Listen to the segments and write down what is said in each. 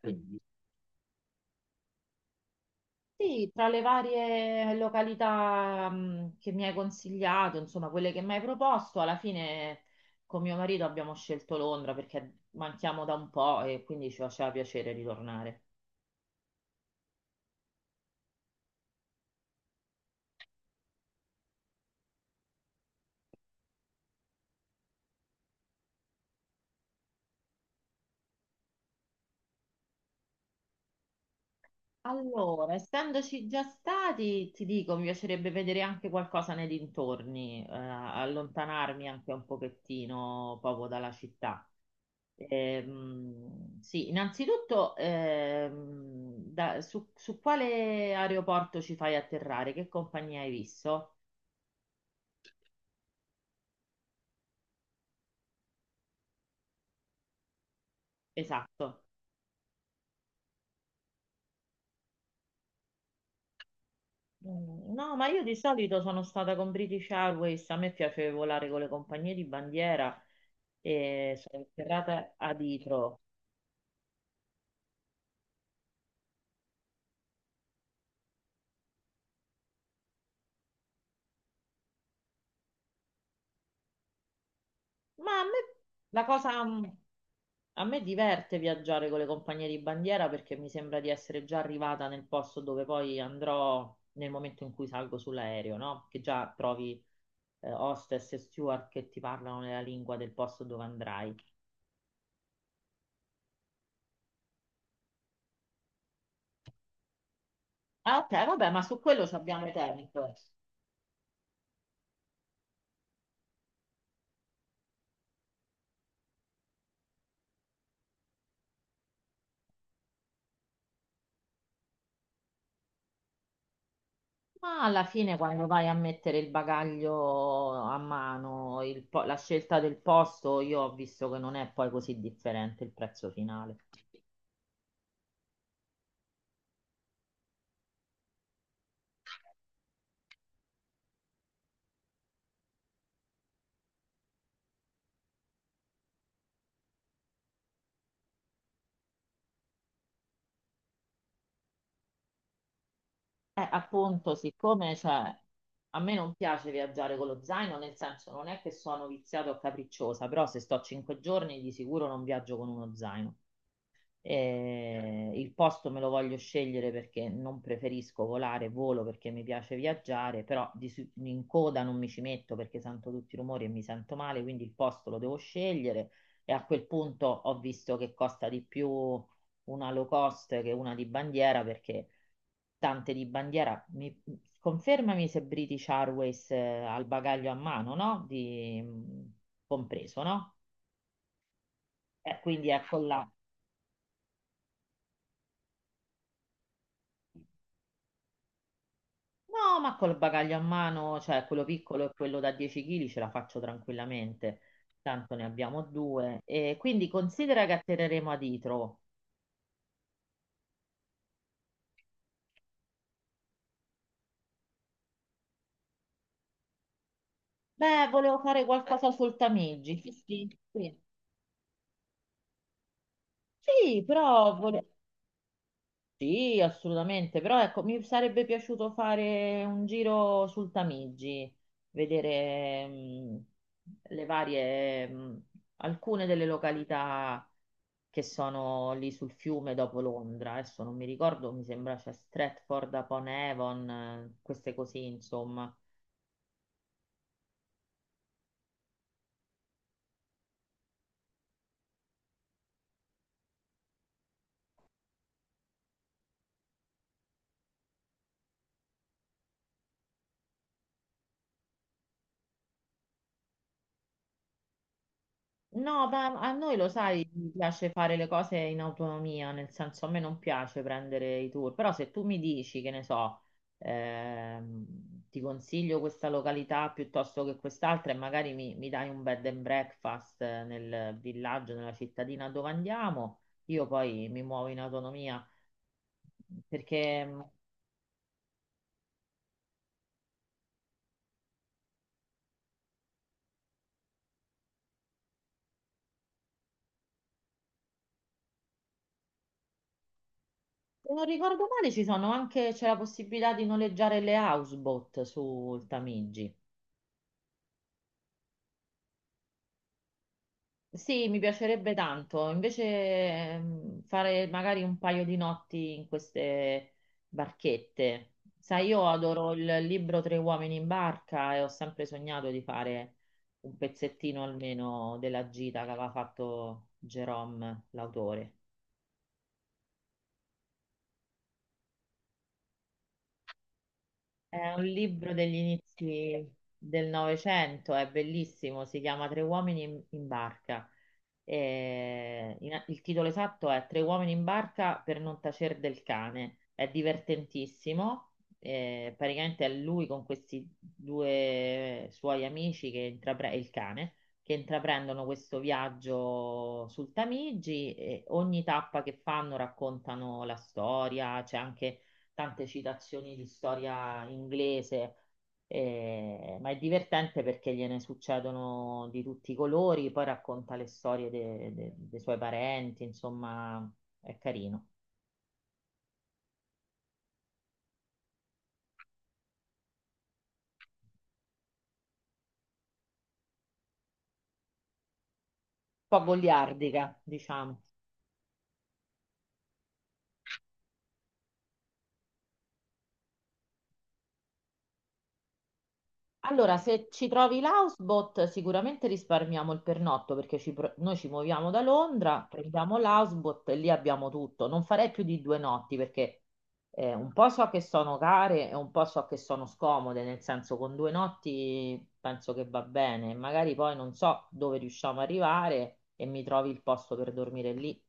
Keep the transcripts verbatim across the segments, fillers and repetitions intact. Quindi, Sì, tra le varie località mh, che mi hai consigliato, insomma, quelle che mi hai proposto, alla fine con mio marito abbiamo scelto Londra perché manchiamo da un po' e quindi ci faceva piacere ritornare. Allora, essendoci già stati, ti dico, mi piacerebbe vedere anche qualcosa nei dintorni, eh, allontanarmi anche un pochettino proprio dalla città. Ehm, sì, innanzitutto ehm, da- su, su quale aeroporto ci fai atterrare? Che compagnia hai visto? Esatto. Mm, No, ma io di solito sono stata con British Airways, a me piace volare con le compagnie di bandiera e sono atterrata a Heathrow. Ma a me la cosa, mm, a me diverte viaggiare con le compagnie di bandiera perché mi sembra di essere già arrivata nel posto dove poi andrò nel momento in cui salgo sull'aereo, no? Che già trovi eh, hostess e steward che ti parlano nella lingua del posto dove andrai. Ah, ok, vabbè, ma su quello ci abbiamo tempo. Ma alla fine, quando vai a mettere il bagaglio a mano, il po- la scelta del posto, io ho visto che non è poi così differente il prezzo finale. Eh, appunto, siccome cioè, a me non piace viaggiare con lo zaino, nel senso non è che sono viziata o capricciosa, però se sto cinque giorni di sicuro non viaggio con uno zaino. Eh, il posto me lo voglio scegliere perché non preferisco volare, volo perché mi piace viaggiare, però di su- in coda non mi ci metto perché sento tutti i rumori e mi sento male, quindi il posto lo devo scegliere e a quel punto ho visto che costa di più una low cost che una di bandiera perché tante di bandiera, mi, confermami se British Airways eh, ha il bagaglio a mano, no? Di, mm, compreso, no? Eh, quindi ecco là. No, ma col bagaglio a mano, cioè quello piccolo e quello da dieci chili ce la faccio tranquillamente, tanto ne abbiamo due. E quindi considera che atterreremo a Itro. Beh, volevo fare qualcosa sul Tamigi. Sì, sì. Sì, Sì, però volevo. Sì, assolutamente, però ecco, mi sarebbe piaciuto fare un giro sul Tamigi, vedere mh, le varie, mh, alcune delle località che sono lì sul fiume dopo Londra. Adesso non mi ricordo, mi sembra c'è Stratford upon Avon, eh, queste così, insomma. No, ma a noi lo sai, mi piace fare le cose in autonomia, nel senso a me non piace prendere i tour, però se tu mi dici, che ne so, ehm, ti consiglio questa località piuttosto che quest'altra e magari mi, mi dai un bed and breakfast eh, nel villaggio, nella cittadina dove andiamo, io poi mi muovo in autonomia, perché mh, se non ricordo male ci sono anche, c'è la possibilità di noleggiare le houseboat sul Tamigi. Sì, mi piacerebbe tanto. Invece ehm, fare magari un paio di notti in queste barchette. Sai, io adoro il libro Tre uomini in barca e ho sempre sognato di fare un pezzettino almeno della gita che aveva fatto Jerome, l'autore. È un libro degli inizi del Novecento, è bellissimo, si chiama Tre uomini in, in barca. E in- il titolo esatto è Tre uomini in barca per non tacer del cane. È divertentissimo, eh, praticamente è lui con questi due suoi amici, che intrapre- il cane, che intraprendono questo viaggio sul Tamigi e ogni tappa che fanno raccontano la storia, c'è anche tante citazioni di storia inglese, eh, ma è divertente perché gliene succedono di tutti i colori, poi racconta le storie de- de- dei suoi parenti, insomma, è carino. Un po' goliardica, diciamo. Allora, se ci trovi l'houseboat, sicuramente risparmiamo il pernotto perché ci pro- noi ci muoviamo da Londra, prendiamo l'houseboat e lì abbiamo tutto. Non farei più di due notti perché eh, un po' so che sono care e un po' so che sono scomode, nel senso con due notti penso che va bene. Magari poi non so dove riusciamo a arrivare e mi trovi il posto per dormire lì.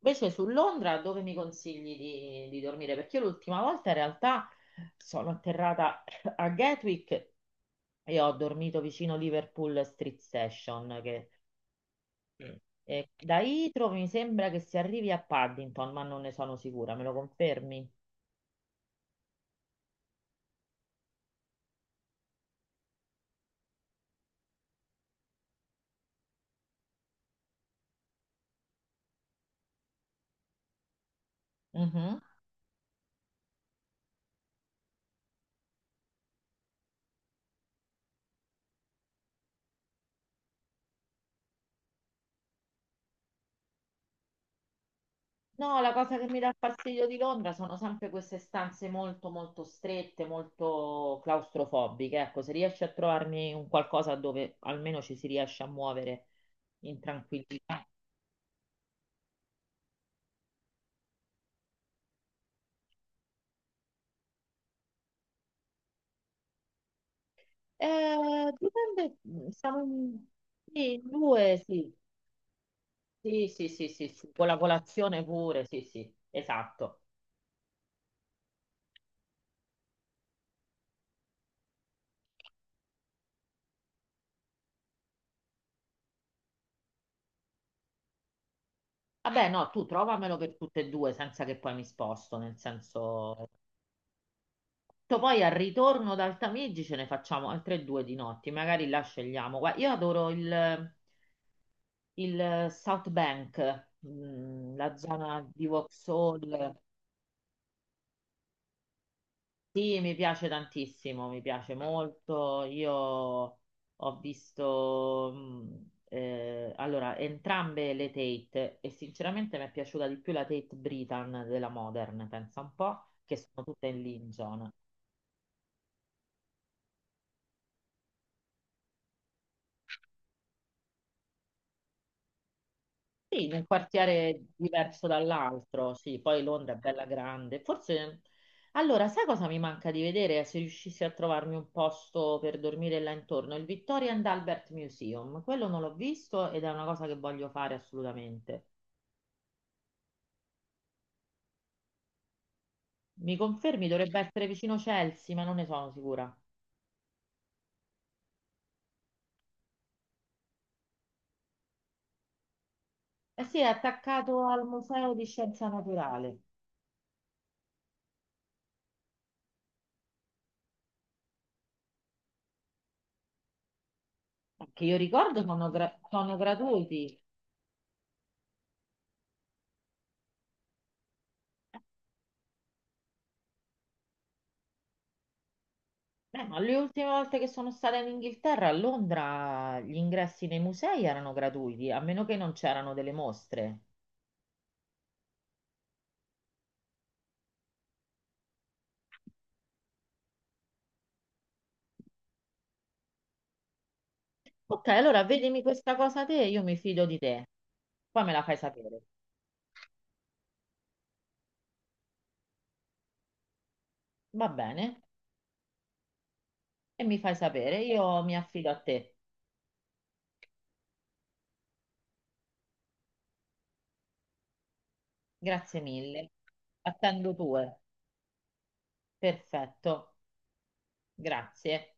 Invece su Londra, dove mi consigli di, di dormire? Perché io l'ultima volta in realtà sono atterrata a Gatwick. Io ho dormito vicino Liverpool Street Station, che Eh, e da Heathrow mi sembra che si arrivi a Paddington, ma non ne sono sicura, me lo confermi? Mhm. No, la cosa che mi dà fastidio di Londra sono sempre queste stanze molto molto strette, molto claustrofobiche. Ecco, se riesci a trovarmi un qualcosa dove almeno ci si riesce a muovere in tranquillità. Eh, dipende, siamo in, sì, in due, sì. Sì, sì, sì, sì, sì, con la colazione pure, sì, sì, esatto. Vabbè, no, tu trovamelo per tutte e due senza che poi mi sposto, nel senso. Tu Poi al ritorno da Altamigi ce ne facciamo altre due di notti, magari là scegliamo. Guarda, io adoro il, il South Bank, mm, la zona di Vauxhall. Sì, mi piace tantissimo, mi piace molto. Io ho visto, mh, eh, allora, entrambe le Tate e sinceramente mi è piaciuta di più la Tate Britain della Modern, pensa un po', che sono tutte in Lincoln. Sì, nel quartiere diverso dall'altro, sì, poi Londra è bella grande. Forse, allora, sai cosa mi manca di vedere? Se riuscissi a trovarmi un posto per dormire là intorno, il Victoria and Albert Museum. Quello non l'ho visto ed è una cosa che voglio fare assolutamente. Mi confermi, dovrebbe essere vicino Chelsea, ma non ne sono sicura. Eh sì, è attaccato al Museo di Scienza Naturale. Che io ricordo sono, gra- sono gratuiti. Beh, ma le ultime volte che sono stata in Inghilterra, a Londra, gli ingressi nei musei erano gratuiti, a meno che non c'erano delle mostre. Ok, allora vedimi questa cosa te, io mi fido di te. Poi me la fai sapere. Va bene? E mi fai sapere, io mi affido a te. Grazie mille. Attendo tue. Perfetto. Grazie.